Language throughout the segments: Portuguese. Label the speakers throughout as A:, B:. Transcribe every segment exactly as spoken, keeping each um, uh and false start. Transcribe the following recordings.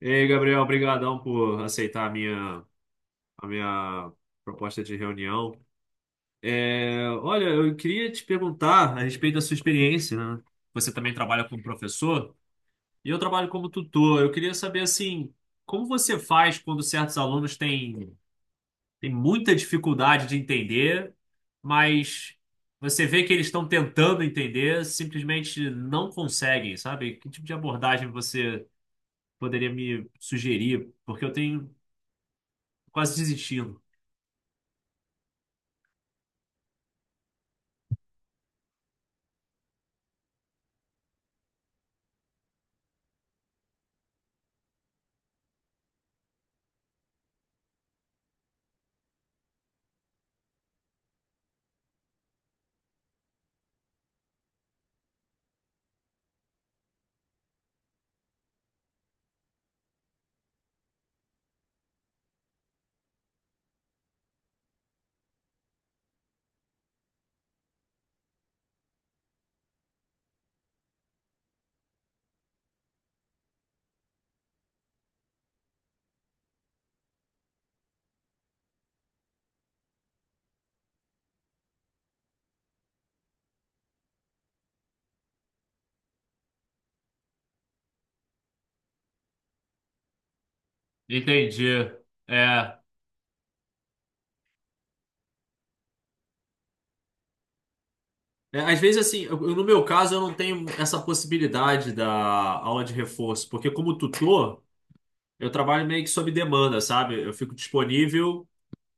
A: Ei, Gabriel, obrigadão por aceitar a minha, a minha proposta de reunião. É, olha, eu queria te perguntar a respeito da sua experiência, né? Você também trabalha como professor e eu trabalho como tutor. Eu queria saber, assim, como você faz quando certos alunos têm, têm muita dificuldade de entender, mas você vê que eles estão tentando entender, simplesmente não conseguem, sabe? Que tipo de abordagem você poderia me sugerir? Porque eu tenho quase desistindo. Entendi. É. É, às vezes, assim, eu- eu- no meu caso, eu não tenho essa possibilidade da aula de reforço, porque como tutor, eu trabalho meio que sob demanda, sabe? Eu fico disponível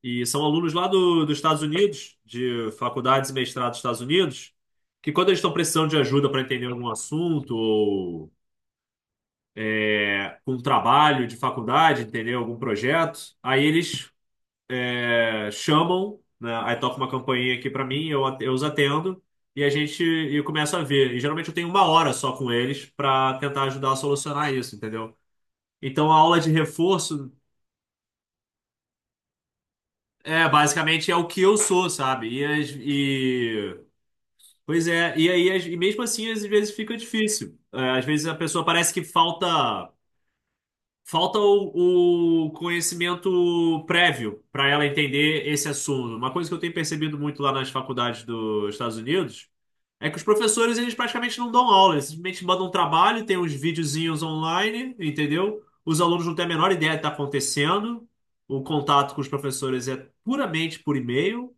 A: e são alunos lá do, dos Estados Unidos, de faculdades e mestrados dos Estados Unidos, que quando eles estão precisando de ajuda para entender algum assunto ou é, com um trabalho de faculdade, entendeu? Algum projeto, aí eles é, chamam, né? Aí toca uma campainha aqui pra mim, eu, at- eu os atendo e a gente e eu começo a ver. E geralmente eu tenho uma hora só com eles pra tentar ajudar a solucionar isso, entendeu? Então a aula de reforço é basicamente é o que eu sou, sabe? E, as- e- pois é, e aí as- e mesmo assim às vezes fica difícil. É, às vezes a pessoa parece que falta Falta o, o conhecimento prévio para ela entender esse assunto. Uma coisa que eu tenho percebido muito lá nas faculdades dos Estados Unidos é que os professores, eles praticamente não dão aula, eles simplesmente mandam um trabalho, tem uns videozinhos online, entendeu? Os alunos não têm a menor ideia do que está acontecendo, o contato com os professores é puramente por e-mail,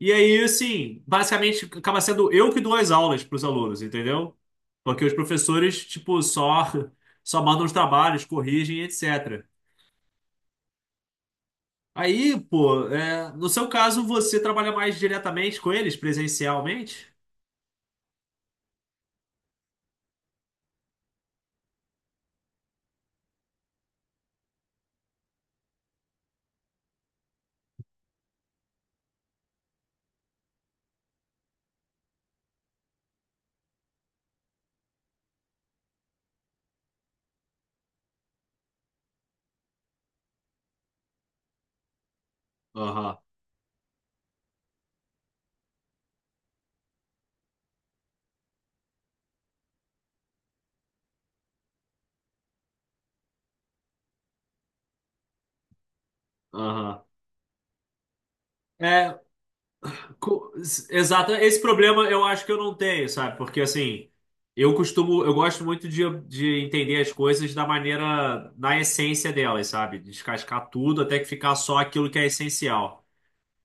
A: e aí, assim, basicamente acaba sendo eu que dou as aulas para os alunos, entendeu? Porque os professores, tipo, só, só mandam os trabalhos, corrigem, et cetera. Aí, pô, é, no seu caso, você trabalha mais diretamente com eles, presencialmente? Aham, aham. É, Co- exato, esse problema eu acho que eu não tenho, sabe? Porque assim, eu costumo, eu gosto muito de, de entender as coisas da maneira, na essência delas, sabe? Descascar tudo até que ficar só aquilo que é essencial.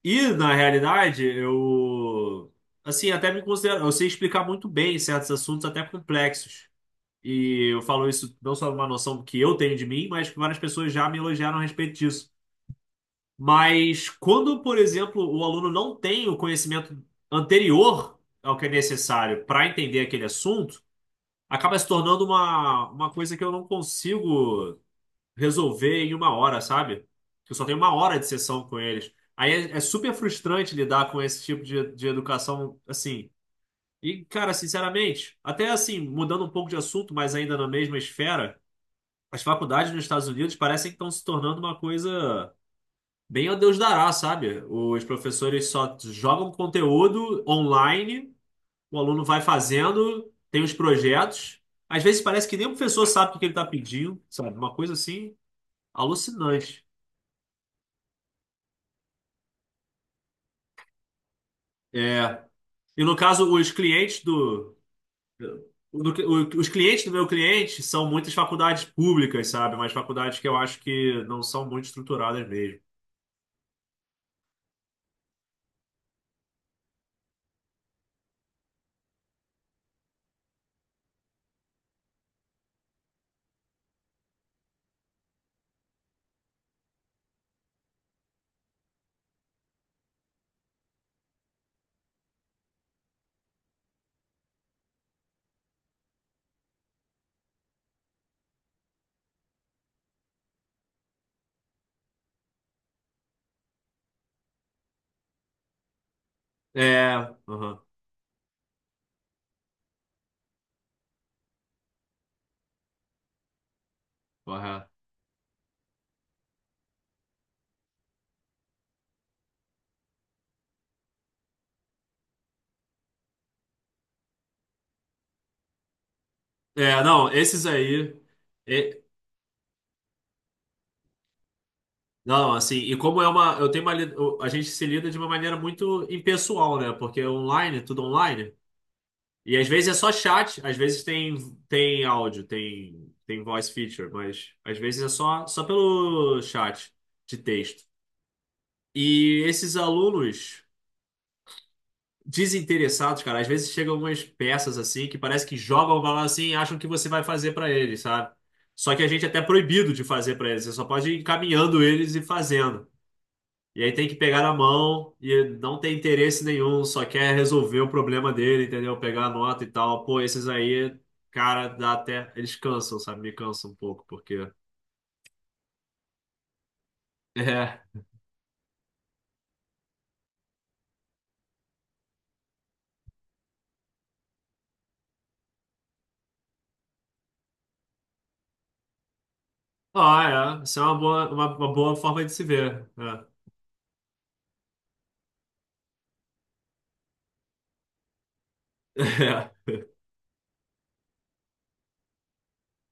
A: E na realidade, eu, assim, até me considero, eu sei explicar muito bem certos assuntos até complexos. E eu falo isso não só numa noção que eu tenho de mim, mas que várias pessoas já me elogiaram a respeito disso. Mas quando, por exemplo, o aluno não tem o conhecimento anterior ao que é necessário para entender aquele assunto, acaba se tornando uma, uma coisa que eu não consigo resolver em uma hora, sabe? Eu só tenho uma hora de sessão com eles. Aí é, é super frustrante lidar com esse tipo de, de educação assim. E, cara, sinceramente, até assim, mudando um pouco de assunto, mas ainda na mesma esfera, as faculdades nos Estados Unidos parecem que estão se tornando uma coisa. Bem ao Deus dará, sabe? Os professores só jogam conteúdo online, o aluno vai fazendo, tem os projetos. Às vezes parece que nem o professor sabe o que que ele está pedindo, sabe? Uma coisa assim alucinante. É. E no caso, os clientes do, do- o- os clientes do meu cliente são muitas faculdades públicas, sabe? Mas faculdades que eu acho que não são muito estruturadas mesmo. É, aham, correto. É, não, esses aí. Não, assim, e como é uma, eu tenho uma, li- eu- a gente se lida de uma maneira muito impessoal, né? Porque é online, é tudo online, e às vezes é só chat, às vezes tem tem áudio, tem tem voice feature, mas às vezes é só só pelo chat de texto. E esses alunos desinteressados, cara, às vezes chegam umas peças assim que parece que jogam bola assim e acham que você vai fazer pra eles, sabe? Só que a gente é até proibido de fazer pra eles, você só pode ir encaminhando eles e fazendo. E aí tem que pegar na mão e não tem interesse nenhum, só quer resolver o problema dele, entendeu? Pegar a nota e tal. Pô, esses aí, cara, dá até. Eles cansam, sabe? Me cansam um pouco, porque. É. Ah, é. Isso é uma boa, uma, uma boa forma de se ver. É.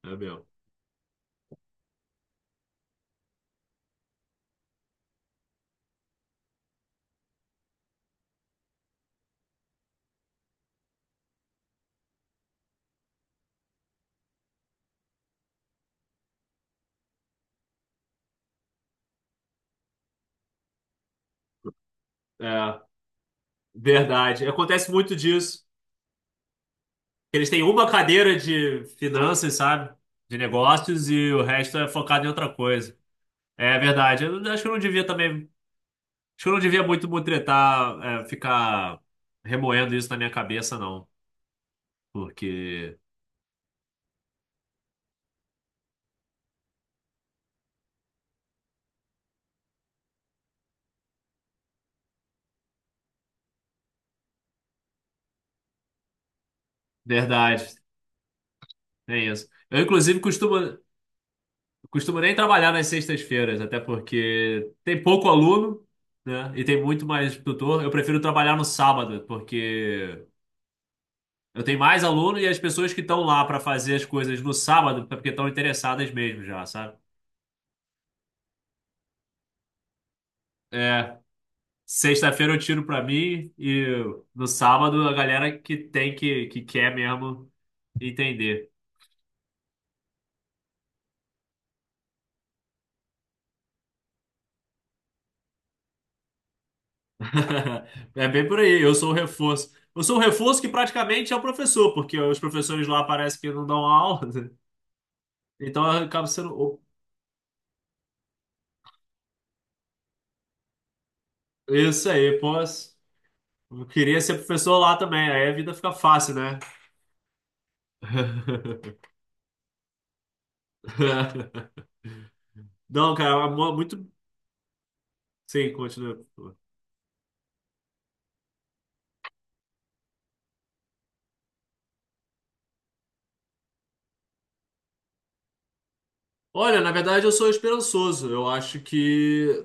A: É, é mesmo. É, verdade. Acontece muito disso. Eles têm uma cadeira de finanças, sabe? De negócios e o resto é focado em outra coisa. É verdade. Eu acho que eu não devia também. Acho que eu não devia muito me tretar, é, ficar remoendo isso na minha cabeça, não. Porque, verdade, tem isso. Eu, inclusive, costumo, costumo nem trabalhar nas sextas-feiras, até porque tem pouco aluno, né? E tem muito mais tutor. Eu prefiro trabalhar no sábado, porque eu tenho mais aluno e as pessoas que estão lá para fazer as coisas no sábado, é porque estão interessadas mesmo já, sabe? É. Sexta-feira eu tiro pra mim e no sábado a galera que tem que, que quer mesmo entender. É bem por aí, eu sou o reforço. Eu sou o reforço que praticamente é o professor, porque os professores lá parece que não dão aula, né? então eu acabo sendo. O- Isso aí, posso. Eu queria ser professor lá também, aí a vida fica fácil, né? Não, cara, é mu- muito. Sim, continua. Olha, na verdade eu sou esperançoso. Eu acho que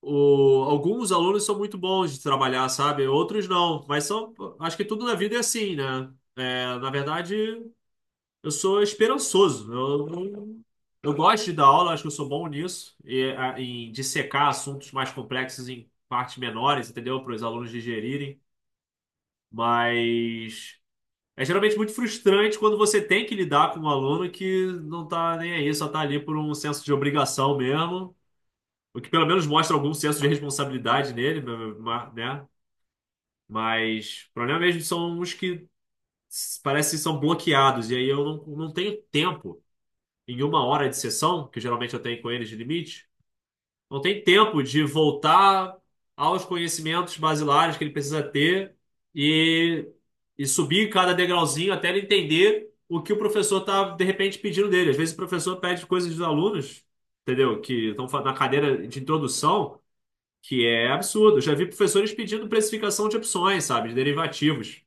A: O, alguns alunos são muito bons de trabalhar, sabe? Outros não. Mas são, acho que tudo na vida é assim, né? É, na verdade, eu sou esperançoso. Eu, eu, eu gosto de dar aula, acho que eu sou bom nisso, e, a, em dissecar assuntos mais complexos em partes menores, entendeu? Para os alunos digerirem. Mas é geralmente muito frustrante quando você tem que lidar com um aluno que não tá nem aí, só tá ali por um senso de obrigação mesmo, o que pelo menos mostra algum senso de responsabilidade nele, ma- ma- né? Mas o problema mesmo são os que s- parece que são bloqueados. E aí eu não, não tenho tempo, em uma hora de sessão, que geralmente eu tenho com eles de limite, não tem tempo de voltar aos conhecimentos basilares que ele precisa ter e, e subir cada degrauzinho até ele entender o que o professor está, de repente, pedindo dele. Às vezes o professor pede coisas dos alunos, entendeu? Que estão fa- na cadeira de introdução que é absurdo. Eu já vi professores pedindo precificação de opções, sabe, de derivativos,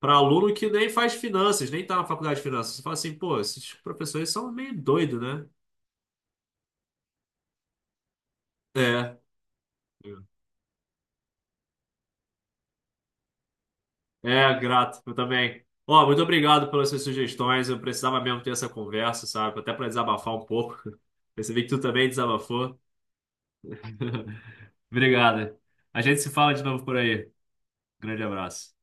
A: para aluno que nem faz finanças, nem tá na faculdade de finanças. Você fala assim, pô, esses professores são meio doidos, né? É. É, é, grato, eu também. Ó, muito obrigado pelas suas sugestões. Eu precisava mesmo ter essa conversa, sabe? Até para desabafar um pouco. Percebi que tu também desabafou. Obrigado. A gente se fala de novo por aí. Grande abraço.